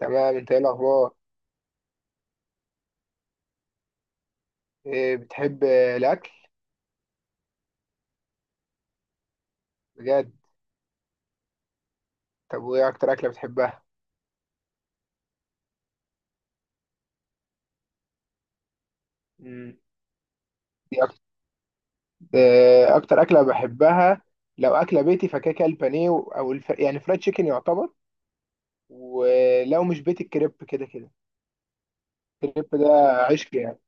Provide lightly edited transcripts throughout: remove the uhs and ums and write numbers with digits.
تمام، انت ايه الاخبار؟ ايه بتحب الاكل؟ بجد؟ طب وايه اكتر اكله بتحبها؟ مم. دي اكتر. اه، اكتر اكله بحبها لو اكله بيتي فكده كده البانيه يعني فرايد تشيكن يعتبر. ولو مش بيت، الكريب كده كده. الكريب ده عشق يعني.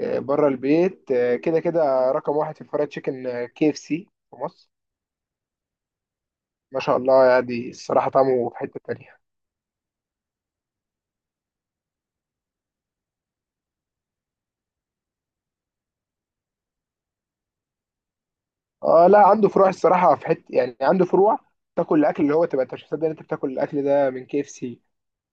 آه، بره البيت، كده كده رقم واحد في الفرايد تشيكن كي اف سي في مصر. ما شاء الله، يعني الصراحه طعمه في حته تانيه. اه، لا عنده فروع الصراحه، في حته يعني عنده فروع تاكل الاكل، اللي هو تبقى انت مش مصدق ان انت بتاكل الاكل ده من كي اف سي.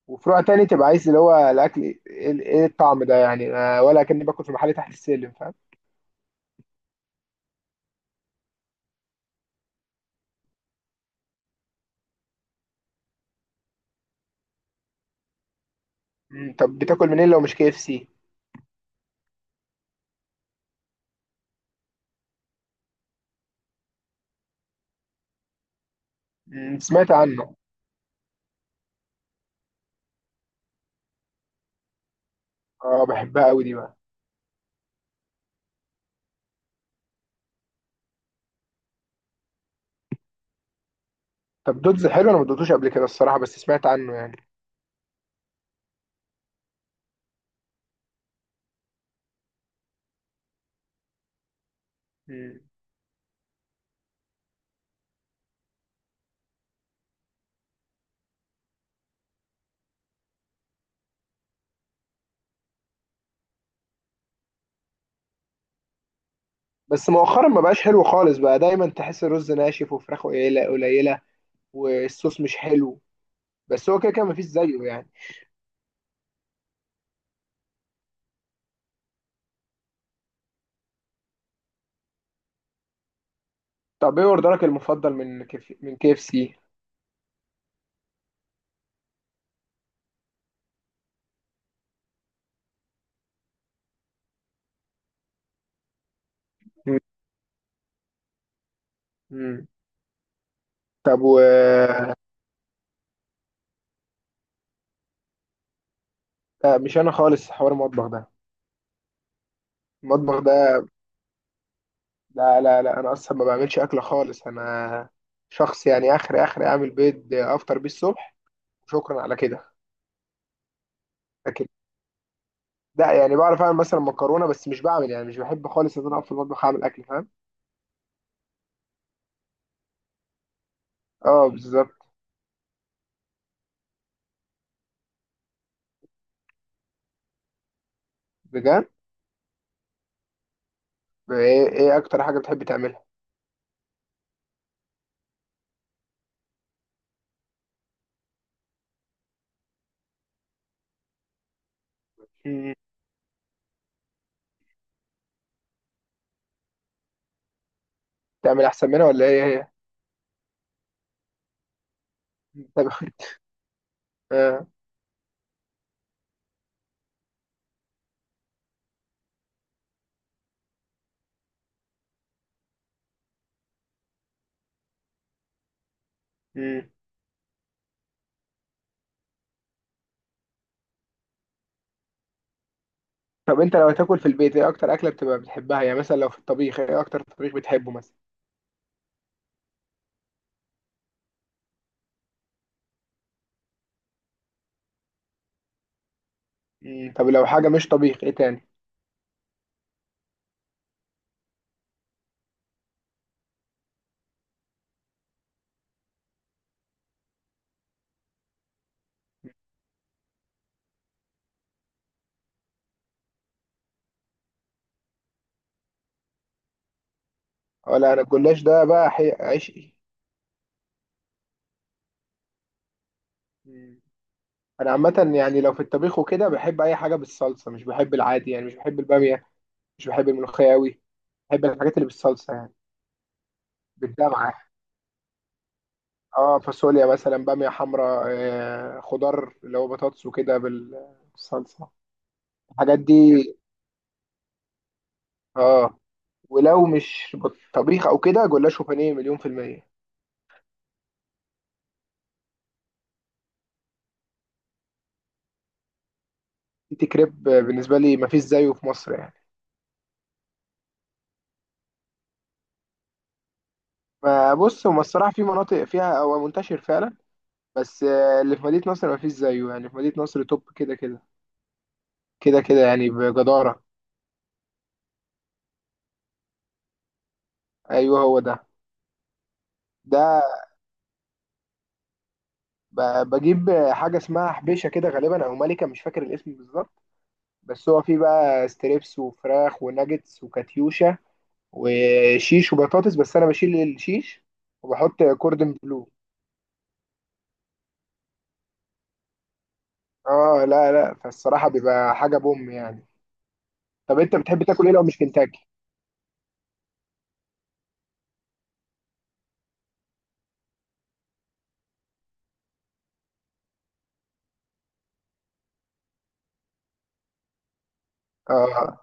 وفروع تاني تبقى عايز اللي هو الاكل، ايه إيه إيه الطعم ده يعني، ولا كاني باكل في محل تحت السلم، فاهم؟ طب بتاكل منين لو مش كي اف سي؟ سمعت عنه. اه، بحبها قوي دي بقى. طب دودز حلو، انا ما دوتوش قبل كده الصراحه بس سمعت عنه يعني. مم. بس مؤخرا ما بقاش حلو خالص، بقى دايما تحس الرز ناشف وفراخه قليله قليله. والصوص مش حلو. بس هو كده كده مفيش زيه يعني. طب ايه اوردرك المفضل من كيف من كي اف سي؟ مم. طب و... لا، مش انا خالص حوار المطبخ ده. المطبخ ده، لا لا لا، انا اصلا ما بعملش اكل خالص، انا شخص يعني اخر اخر اعمل بيض افطر بيه الصبح وشكرا على كده. لكن، لا يعني بعرف اعمل مثلا مكرونه، بس مش بعمل يعني مش بحب خالص ان انا اقف في المطبخ اعمل اكل، فاهم؟ اه، بالظبط. بجد؟ ايه اكتر حاجه بتحب تعملها؟ مم. تعمل احسن منها ولا ايه هي؟ طب. آه. مم. طب انت لو تاكل في البيت، ايه اكتر اكله بتبقى بتحبها؟ يعني مثلا لو في الطبيخ ايه اكتر طبيخ بتحبه مثلا؟ مم. طب لو حاجه مش طبيخ، ايه تاني؟ اه، لا انا الجلاش ده بقى عشقي. مم. انا عامه يعني لو في الطبيخ وكده بحب اي حاجه بالصلصه، مش بحب العادي يعني، مش بحب الباميه. مش بحب الملوخيه قوي. بحب الحاجات اللي بالصلصه يعني. بالدمعه. اه، فاصوليا مثلا، باميه حمراء، خضار اللي هو بطاطس وكده بالصلصه. الحاجات دي. اه. ولو مش طبيخ او كده، جلاش وبانيه مليون في المية. تيتي كريب بالنسبة لي مفيش زيه في مصر يعني. ما بص، هو الصراحة في مناطق فيها هو منتشر فعلا. بس اللي في مدينة نصر مفيش زيه يعني، في مدينة نصر توب كده كده. كده كده يعني، بجدارة. ايوه، هو ده. ده بجيب حاجة اسمها حبيشة كده غالبا، او ملكة، مش فاكر الاسم بالظبط. بس هو فيه بقى ستريبس وفراخ وناجتس وكاتيوشا وشيش وبطاطس، بس انا بشيل الشيش وبحط كوردن بلو. اه لا لا، فالصراحة بيبقى حاجة بوم يعني. طب انت بتحب تاكل ايه لو مش كنتاكي؟ اه،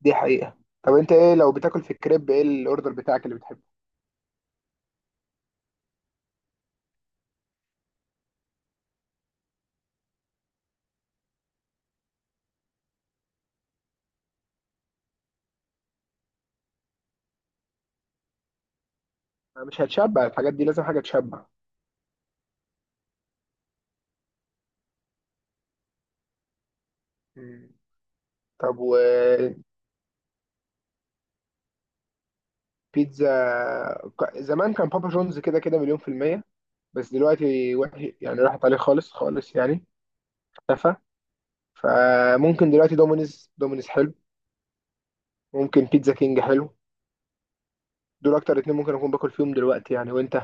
دي حقيقة. طب انت، ايه لو بتاكل في الكريب ايه الاوردر بتاعك اللي بتحبه؟ مش هتشبع الحاجات دي، لازم حاجة تشبع. مم. طب وبيتزا؟ زمان كان بابا جونز كده كده مليون في المية. بس دلوقتي وحش يعني، راحت عليه خالص خالص يعني. اختفى. فممكن دلوقتي دومينيز، دومينيز حلو. ممكن بيتزا كينج حلو. دول اكتر اتنين ممكن اكون باكل فيهم دلوقتي يعني. وانت؟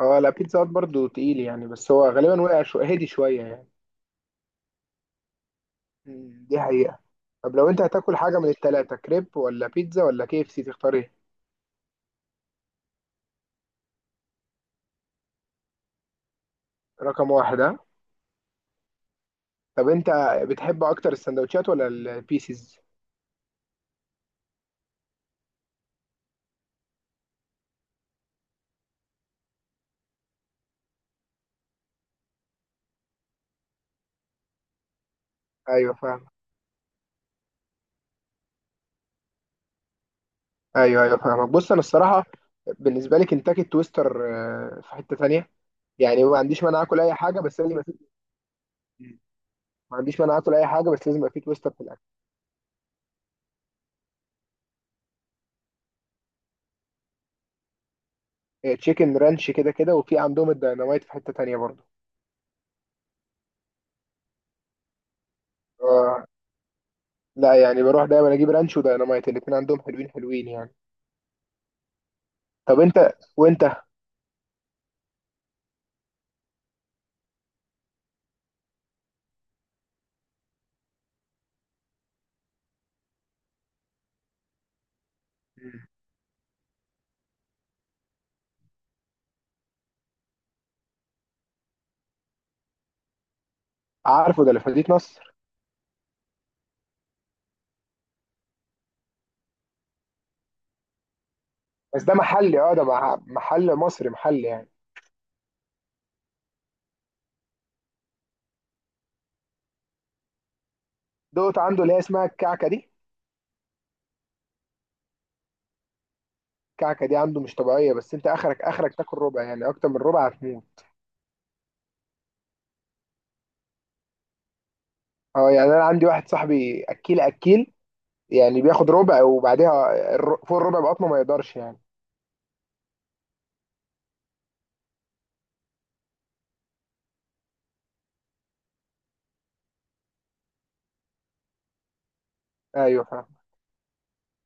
اه، لا بيتزا هات برضه تقيل يعني، بس هو غالبا وقع هدي شوية يعني. مم. دي حقيقة. طب لو انت هتاكل حاجة من التلاتة، كريب ولا بيتزا ولا كي اف سي، تختار ايه؟ رقم واحد، ها. طب انت بتحب اكتر السندوتشات ولا البيسز؟ ايوه، فاهم. ايوه ايوه فاهمك. بص انا الصراحة بالنسبة لي كنتاكي التويستر. في حتة تانية، يعني ما عنديش مانع اكل اي حاجة، بس لازم يبقى في. مم. ما عنديش مانع اكل اي حاجة، بس لازم يبقى في تويستر في الاكل. تشيكن رانش كده كده، وفي عندهم الديناميت في حتة تانية. برضه، لا يعني، بروح دايما اجيب رانش ودايناميت، الاتنين عندهم حلوين حلوين يعني. طب انت وانت. مم. عارفه، ده اللي في مدينة نصر. بس ده محلي، اه ده محل مصري محلي يعني. دوت عنده اللي هي اسمها الكعكة دي. الكعكة دي عنده مش طبيعية، بس انت اخرك اخرك تاكل ربع، يعني اكتر من ربع هتموت. اه، يعني انا عندي واحد صاحبي اكيل اكيل، يعني بياخد ربع وبعديها فوق الربع بقطمه ما يقدرش يعني. ايوه.